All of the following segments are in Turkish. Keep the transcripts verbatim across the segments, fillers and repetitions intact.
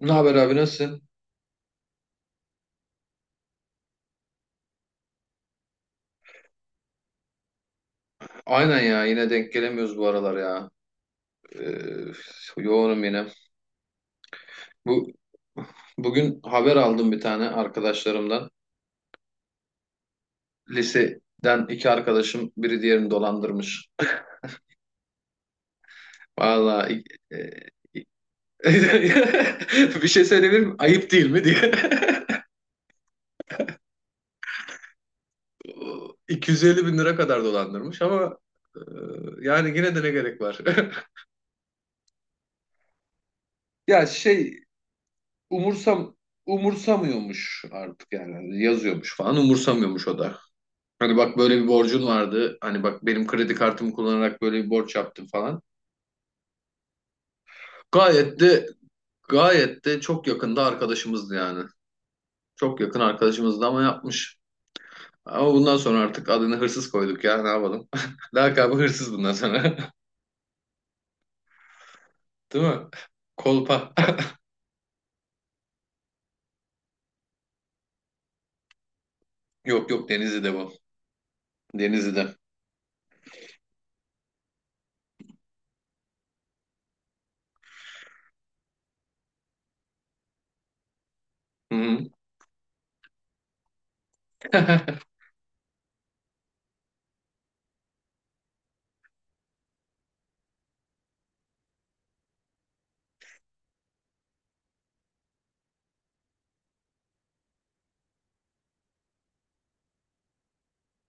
Ne haber abi nasılsın? Aynen ya yine denk gelemiyoruz bu aralar ya. Ee, yoğunum yine. Bu bugün haber aldım bir tane arkadaşlarımdan. Liseden iki arkadaşım biri diğerini dolandırmış. Vallahi e, bir şey söyleyebilir miyim? Ayıp değil mi diye. 250 bin lira kadar dolandırmış ama e, yani yine de ne gerek var? Ya şey umursam umursamıyormuş artık yani. Hani yazıyormuş falan umursamıyormuş o da. Hani bak böyle bir borcun vardı. Hani bak benim kredi kartımı kullanarak böyle bir borç yaptım falan. Gayet de gayet de çok yakında arkadaşımızdı yani. Çok yakın arkadaşımızdı ama yapmış. Ama bundan sonra artık adını hırsız koyduk ya, ne yapalım. Lakabı hırsız bundan sonra. Değil mi? Kolpa. Yok, yok, Denizli'de bu. Denizli'de. Hı hı.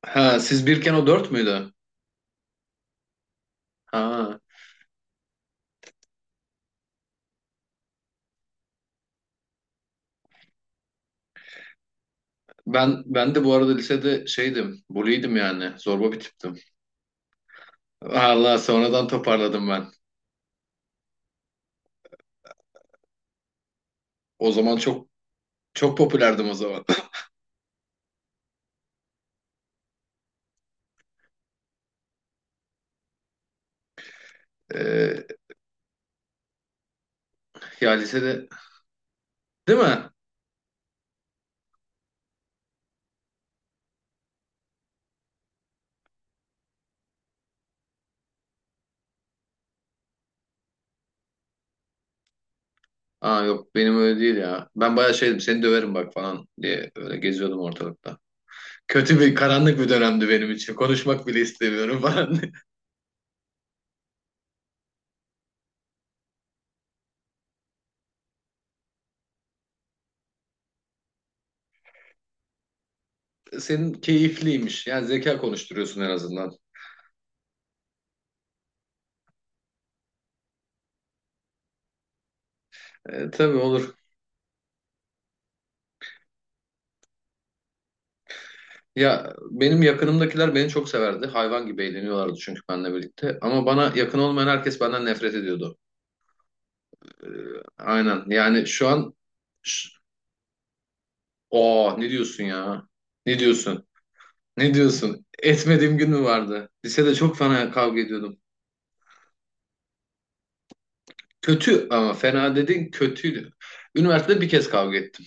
Ha, siz birken o dört müydü? Ha. Ben ben de bu arada lisede şeydim, bully'ydim yani. Zorba bir tiptim. Allah, sonradan toparladım ben. O zaman çok çok popülerdim o zaman. Ee, ya lisede, değil mi? Aa, yok, benim öyle değil ya. Ben bayağı şeydim, seni döverim bak falan diye öyle geziyordum ortalıkta. Kötü bir, karanlık bir dönemdi benim için. Konuşmak bile istemiyorum falan. Senin keyifliymiş. Yani zeka konuşturuyorsun en azından. Ee, tabii olur. Ya benim yakınımdakiler beni çok severdi. Hayvan gibi eğleniyorlardı çünkü benimle birlikte. Ama bana yakın olmayan herkes benden nefret ediyordu. Ee, aynen. Yani şu an. Ş- Oo, ne diyorsun ya? Ne diyorsun? Ne diyorsun? Etmediğim gün mü vardı? Lisede çok fena kavga ediyordum. Kötü ama, fena dedin, kötüydü. Üniversitede bir kez kavga ettim.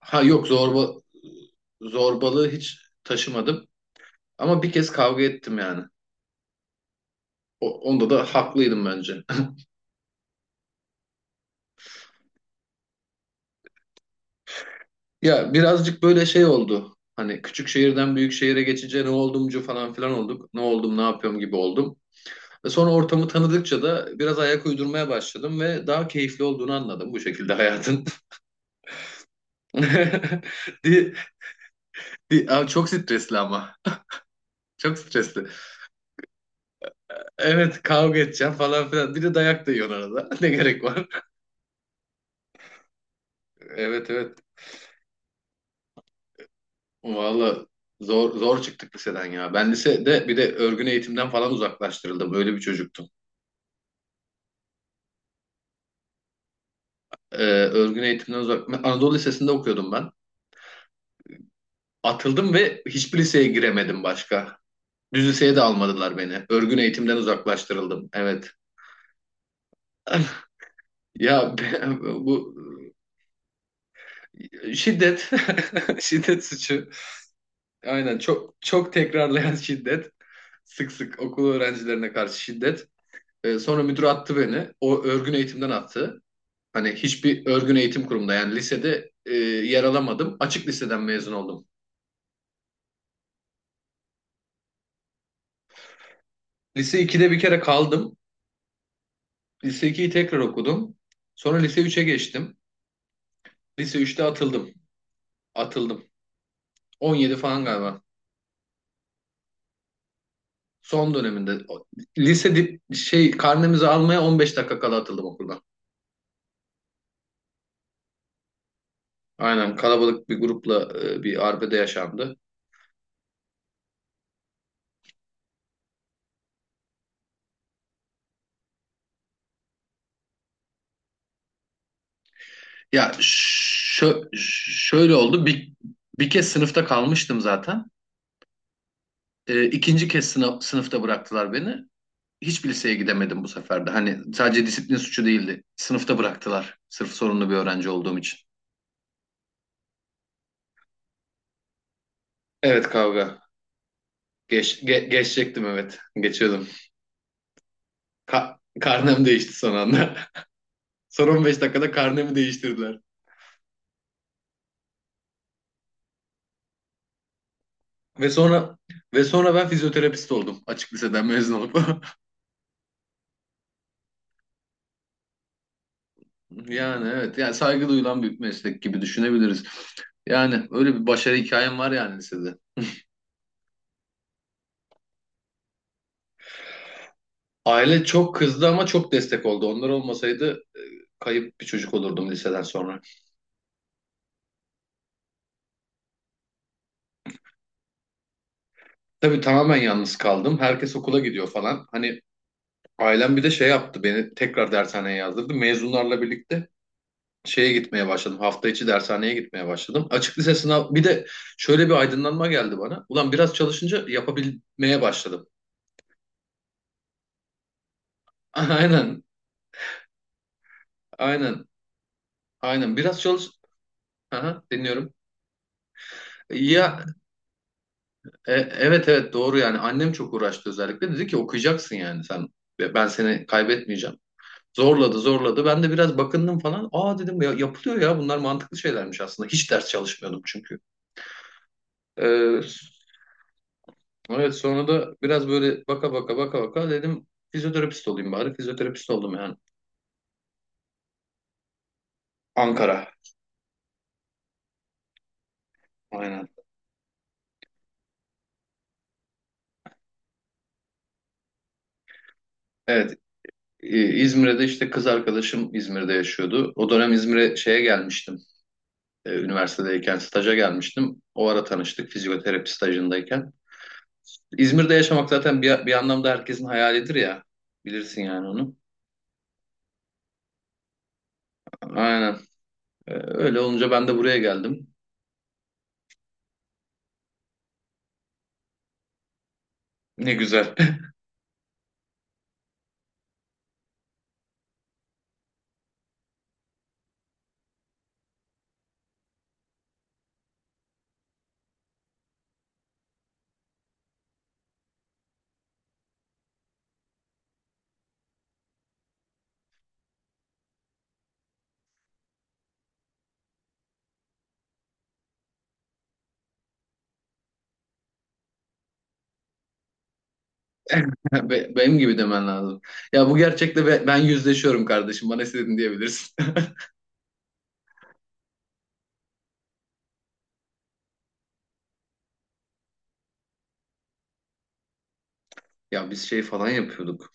Ha, yok, zorba zorbalığı hiç taşımadım. Ama bir kez kavga ettim yani. O- onda da haklıydım bence. Ya birazcık böyle şey oldu. Hani küçük şehirden büyük şehire geçince ne oldumcu falan filan olduk. Ne oldum, ne yapıyorum gibi oldum. Ve sonra ortamı tanıdıkça da biraz ayak uydurmaya başladım ve daha keyifli olduğunu anladım bu şekilde hayatın. Di, di, Aa, çok stresli ama. Çok stresli. Evet, kavga edeceğim falan filan. Bir de dayak da yiyorsun arada. Ne gerek var? Evet, evet. Valla zor zor çıktık liseden ya. Ben lisede bir de örgün eğitimden falan uzaklaştırıldım. Öyle bir çocuktum. e, örgün eğitimden uzak. Ben Anadolu Lisesi'nde okuyordum ben. Atıldım ve hiçbir liseye giremedim başka. Düz liseye de almadılar beni. Örgün eğitimden uzaklaştırıldım. Evet. Ya be- bu şiddet, şiddet suçu. Aynen, çok çok tekrarlayan şiddet. Sık sık okul öğrencilerine karşı şiddet. Ee, sonra müdür attı beni. O, örgün eğitimden attı. Hani hiçbir örgün eğitim kurumunda, yani lisede e, yer alamadım. Açık liseden mezun oldum. Lise ikide bir kere kaldım. Lise ikiyi tekrar okudum. Sonra lise üç'e geçtim. Lise üç'te atıldım. Atıldım. on yedi falan galiba. Son döneminde. O- Lise dip, şey karnemizi almaya on beş dakika kala atıldım okuldan. Aynen, kalabalık bir grupla e, bir arbede yaşandı. Ya şö- şöyle oldu. Bir, bir kez sınıfta kalmıştım zaten. E, ikinci kez sınıf, sınıfta bıraktılar beni. Hiçbir liseye gidemedim bu sefer de. Hani sadece disiplin suçu değildi. Sınıfta bıraktılar. Sırf sorunlu bir öğrenci olduğum için. Evet, kavga. Geç, ge- geçecektim evet. Geçiyordum. Ka- karnem değişti son anda. Son on beş dakikada karnemi değiştirdiler. Ve sonra ve sonra ben fizyoterapist oldum açık liseden mezun olup. Yani evet, yani saygı duyulan bir meslek gibi düşünebiliriz. Yani öyle bir başarı hikayem var yani lisede. Aile çok kızdı ama çok destek oldu. Onlar olmasaydı kayıp bir çocuk olurdum liseden sonra. Tabii, tamamen yalnız kaldım. Herkes okula gidiyor falan. Hani ailem bir de şey yaptı, beni tekrar dershaneye yazdırdı. Mezunlarla birlikte şeye gitmeye başladım. Hafta içi dershaneye gitmeye başladım. Açık lise sınav bir de şöyle bir aydınlanma geldi bana. Ulan, biraz çalışınca yapabilmeye başladım. Aynen. Aynen. Aynen. Biraz çalış. Aha, dinliyorum. Ya e, evet, evet, doğru yani, annem çok uğraştı, özellikle dedi ki okuyacaksın yani sen. Ve ben seni kaybetmeyeceğim. Zorladı zorladı, ben de biraz bakındım falan. Aa dedim, ya yapılıyor, ya bunlar mantıklı şeylermiş aslında. Hiç ders çalışmıyordum çünkü. Ee, Evet, sonra da biraz böyle baka baka baka baka dedim, fizyoterapist olayım bari. Fizyoterapist oldum yani. Ankara. Aynen. Evet. e, İzmir'de işte, kız arkadaşım İzmir'de yaşıyordu. O dönem İzmir'e şeye gelmiştim. E, Üniversitedeyken staja gelmiştim. O ara tanıştık, fizyoterapi stajındayken. İzmir'de yaşamak zaten bir, bir anlamda herkesin hayalidir ya. Bilirsin yani onu. Aynen. E, Öyle olunca ben de buraya geldim. Ne güzel. Be- Benim gibi demen lazım. Ya bu gerçekle be- ben yüzleşiyorum kardeşim. Bana istediğini diyebilirsin. Ya biz şey falan yapıyorduk.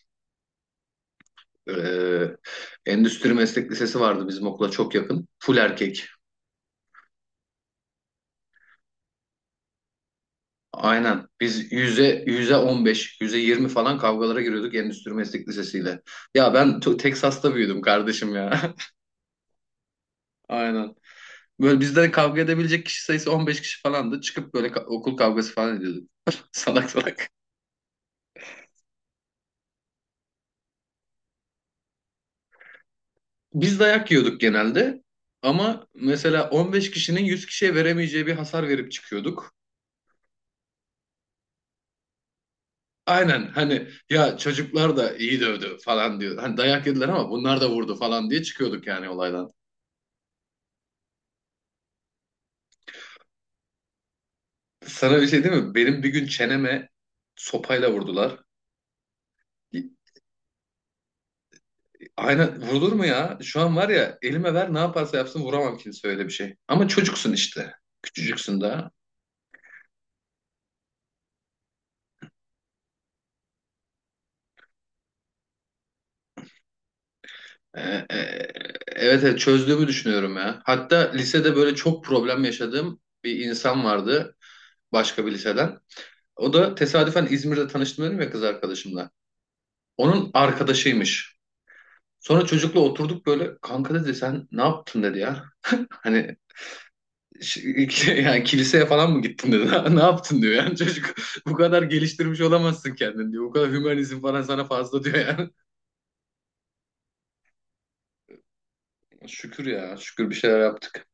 Ee, Endüstri Meslek Lisesi vardı bizim okula çok yakın. Full erkek. Aynen. Biz yüze, yüze on beş, yüze yirmi falan kavgalara giriyorduk Endüstri Meslek Lisesi'yle. Ya ben to- Texas'ta büyüdüm kardeşim ya. Aynen. Böyle bizden kavga edebilecek kişi sayısı on beş kişi falandı. Çıkıp böyle ka- okul kavgası falan ediyorduk. Salak salak. Biz dayak yiyorduk genelde ama mesela on beş kişinin yüz kişiye veremeyeceği bir hasar verip çıkıyorduk. Aynen, hani ya çocuklar da iyi dövdü falan diyor. Hani dayak yediler ama bunlar da vurdu falan diye çıkıyorduk yani olaydan. Sana bir şey değil mi? Benim bir gün çeneme sopayla vurdular. Aynen, vurulur mu ya? Şu an var ya, elime ver, ne yaparsa yapsın vuramam kimse öyle bir şey. Ama çocuksun işte. Küçücüksün daha. Ee, e, Evet, evet, çözdüğümü düşünüyorum ya. Hatta lisede böyle çok problem yaşadığım bir insan vardı, başka bir liseden. O da tesadüfen İzmir'de tanıştım, dedim ya, kız arkadaşımla. Onun arkadaşıymış. Sonra çocukla oturduk böyle, kanka dedi, sen ne yaptın dedi ya. Hani ş- yani kiliseye falan mı gittin dedi. Ne yaptın diyor yani çocuk. Bu kadar geliştirmiş olamazsın kendini diyor. Bu kadar hümanizm falan sana fazla diyor yani. Şükür ya, şükür bir şeyler yaptık.